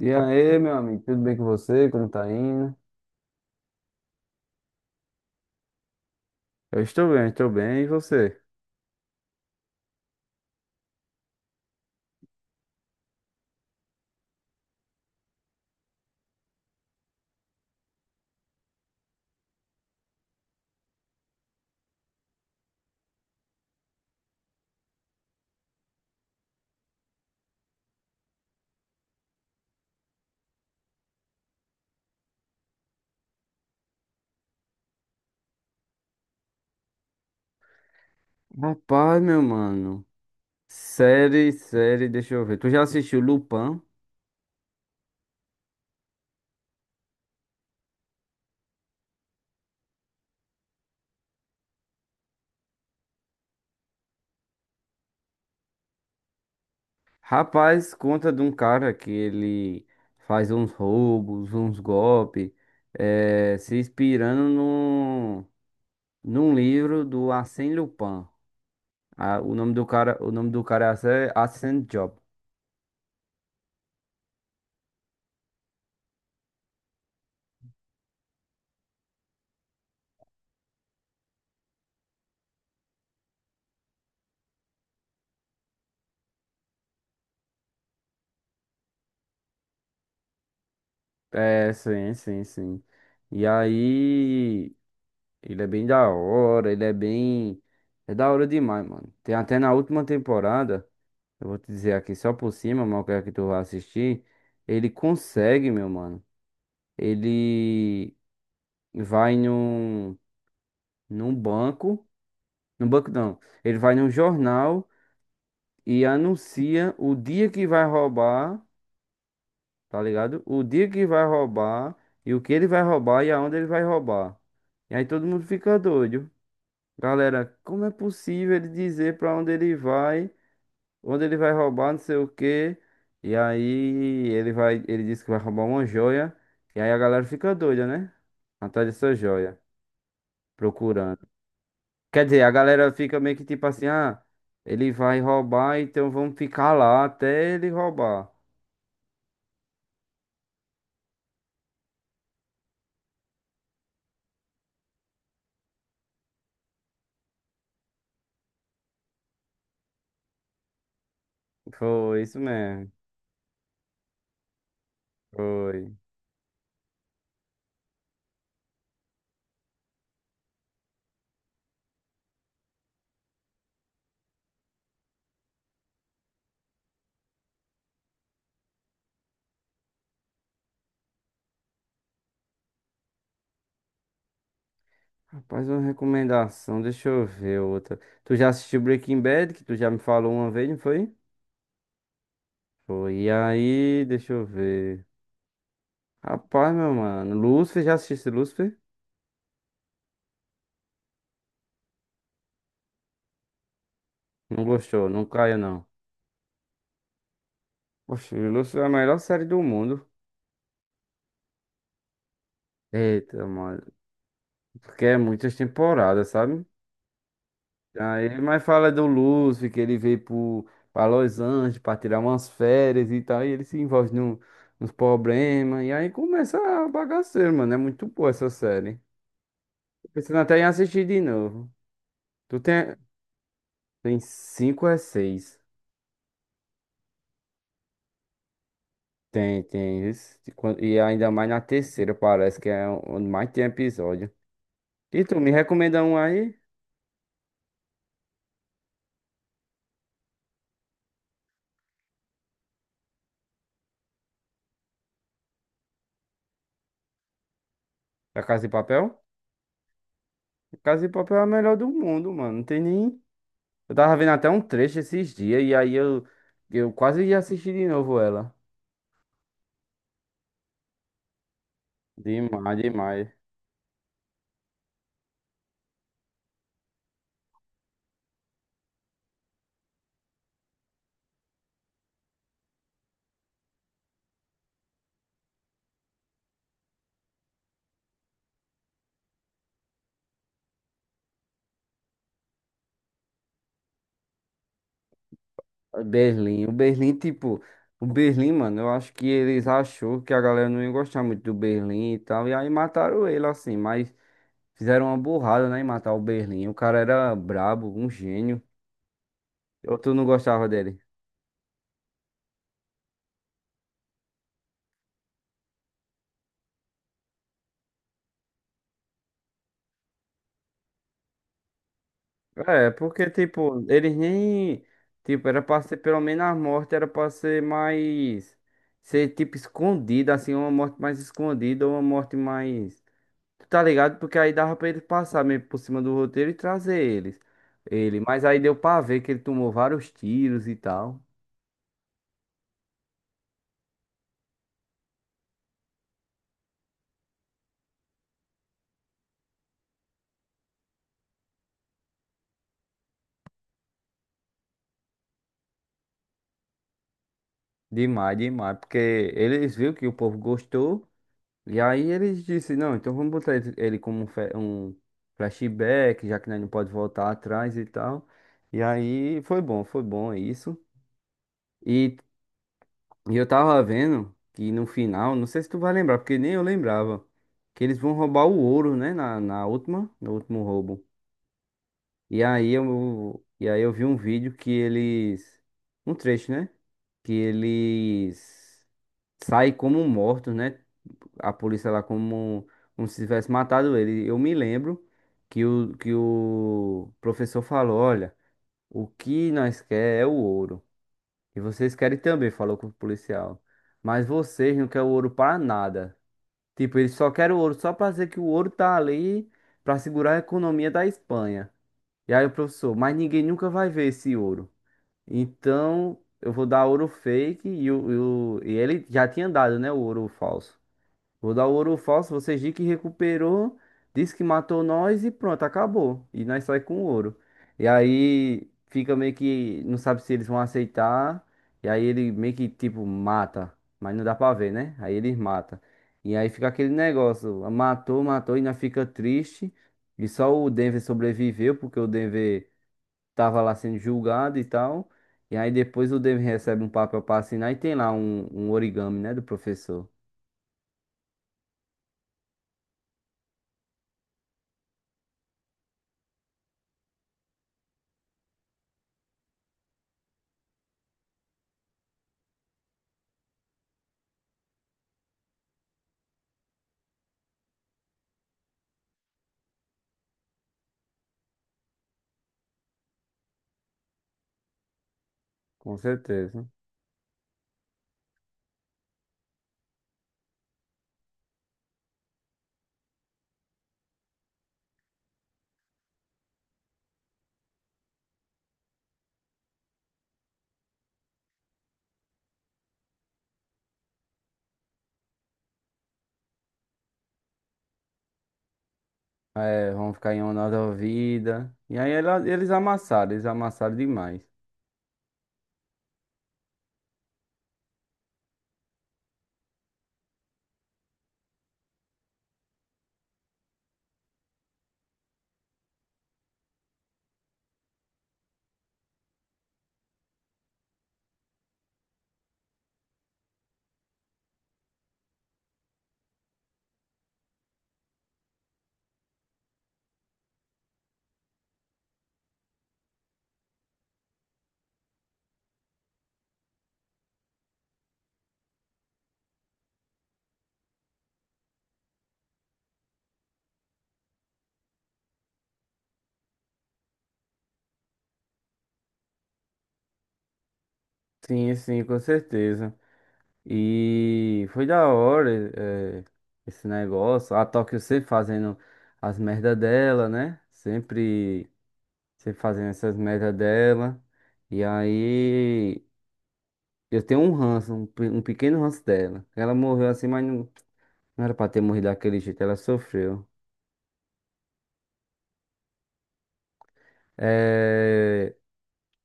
E aí, meu amigo, tudo bem com você? Como tá indo? Eu estou bem, estou bem. E você? Rapaz, meu mano. Série, deixa eu ver. Tu já assistiu Lupin? Rapaz, conta de um cara que ele faz uns roubos, uns golpes, se inspirando num livro do Arsène Lupin. Ah, o nome do cara, o nome do cara é Arsène Job. É, sim, sim, sim. E aí. Ele é bem da hora, ele é bem. É da hora demais, mano. Tem até na última temporada, eu vou te dizer aqui só por cima, mas eu quero que tu vá assistir. Ele consegue, meu mano. Ele vai num, num banco. Num banco não. Ele vai num jornal e anuncia o dia que vai roubar, tá ligado? O dia que vai roubar e o que ele vai roubar e aonde ele vai roubar. E aí todo mundo fica doido. Galera, como é possível ele dizer pra onde ele vai roubar, não sei o quê. E aí ele vai, ele diz que vai roubar uma joia. E aí a galera fica doida, né? Atrás dessa joia, procurando. Quer dizer, a galera fica meio que tipo assim, ah, ele vai roubar, então vamos ficar lá até ele roubar. Foi isso mesmo. Foi. Rapaz, uma recomendação, deixa eu ver outra. Tu já assistiu Breaking Bad, que tu já me falou uma vez, não foi? Foi. E aí, deixa eu ver. Rapaz, meu mano. Lúcifer, já assistiu Lúcifer? Não gostou, não caia não. Oxe, Lúcifer é a melhor série do mundo. Eita, mano. Porque é muitas temporadas, sabe? Aí, mas fala do Lúcifer, que ele pra Los Angeles pra tirar umas férias e tal. E ele se envolve num, nos problemas. E aí começa a bagaceira, mano. É muito boa essa série. Tô pensando até em assistir de novo. Tu tem. Tem cinco a seis. Tem, tem. Isso. E ainda mais na terceira, parece que é onde mais tem episódio. E tu me recomenda um aí? Da Casa de Papel? Casa de Papel é a melhor do mundo, mano. Não tem nem. Eu tava vendo até um trecho esses dias e aí eu quase ia assistir de novo ela. Demais, demais. Berlim. O Berlim, tipo. O Berlim, mano, eu acho que eles achou que a galera não ia gostar muito do Berlim e tal. E aí mataram ele, assim. Mas fizeram uma burrada, né, em matar o Berlim. O cara era brabo, um gênio. Ou tu não gostava dele? É, porque, tipo, eles nem. Tipo, era pra ser pelo menos a morte, era pra ser mais. Ser, tipo, escondida, assim, uma morte mais escondida, ou uma morte mais. Tu tá ligado? Porque aí dava pra ele passar meio por cima do roteiro e trazer eles. Ele. Mas aí deu pra ver que ele tomou vários tiros e tal. Demais, demais. Porque eles viram que o povo gostou. E aí eles disse, não, então vamos botar ele como um flashback, já que nós não pode voltar atrás e tal. E aí foi bom isso. E, e eu tava vendo que no final, não sei se tu vai lembrar, porque nem eu lembrava, que eles vão roubar o ouro, né, na última, no último roubo. E aí eu vi um vídeo que um trecho, né, que eles sai como mortos, né? A polícia lá como, como se tivesse matado ele. Eu me lembro que que o professor falou, olha, o que nós quer é o ouro. E vocês querem também, falou com o policial. Mas vocês não querem o ouro para nada. Tipo, eles só querem o ouro só para dizer que o ouro tá ali para segurar a economia da Espanha. E aí o professor, mas ninguém nunca vai ver esse ouro. Então, eu vou dar ouro fake e ele já tinha dado, né, o ouro falso. Vou dar o ouro falso, vocês dizem que recuperou, diz que matou nós e pronto, acabou. E nós sai com o ouro. E aí fica meio que não sabe se eles vão aceitar. E aí ele meio que tipo mata, mas não dá pra ver, né? Aí eles mata. E aí fica aquele negócio, matou, matou e nós fica triste. E só o Denver sobreviveu porque o Denver tava lá sendo julgado e tal. E aí depois o Denver recebe um papel pra assinar e tem lá um origami, né, do professor. Com certeza. É, vão ficar em honra da vida. E aí ela- eles amassaram demais. Sim, sim, com certeza. E foi da hora, é, esse negócio. A Tóquio sempre fazendo as merda dela, né? Sempre, sempre fazendo essas merda dela. E aí eu tenho um ranço, um pequeno ranço dela. Ela morreu assim, mas não, não era pra ter morrido daquele jeito, ela sofreu. É,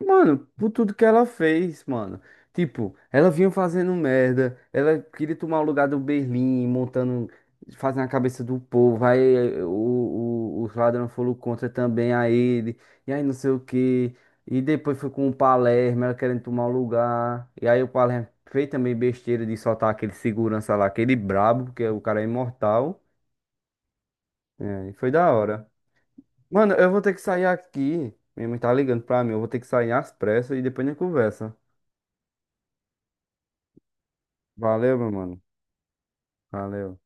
Mano, por tudo que ela fez, mano. Tipo, ela vinha fazendo merda, ela queria tomar o lugar do Berlim, montando, fazendo a cabeça do povo. Aí eh, o, os ladrões foram contra também a ele, e aí não sei o quê. E depois foi com o Palermo, ela querendo tomar o lugar. E aí o Palermo fez também besteira de soltar aquele segurança lá, aquele brabo, porque o cara é imortal. É, e foi da hora. Mano, eu vou ter que sair aqui. Minha mãe tá ligando pra mim, eu vou ter que sair às pressas e depois a gente conversa. Valeu, meu mano. Valeu.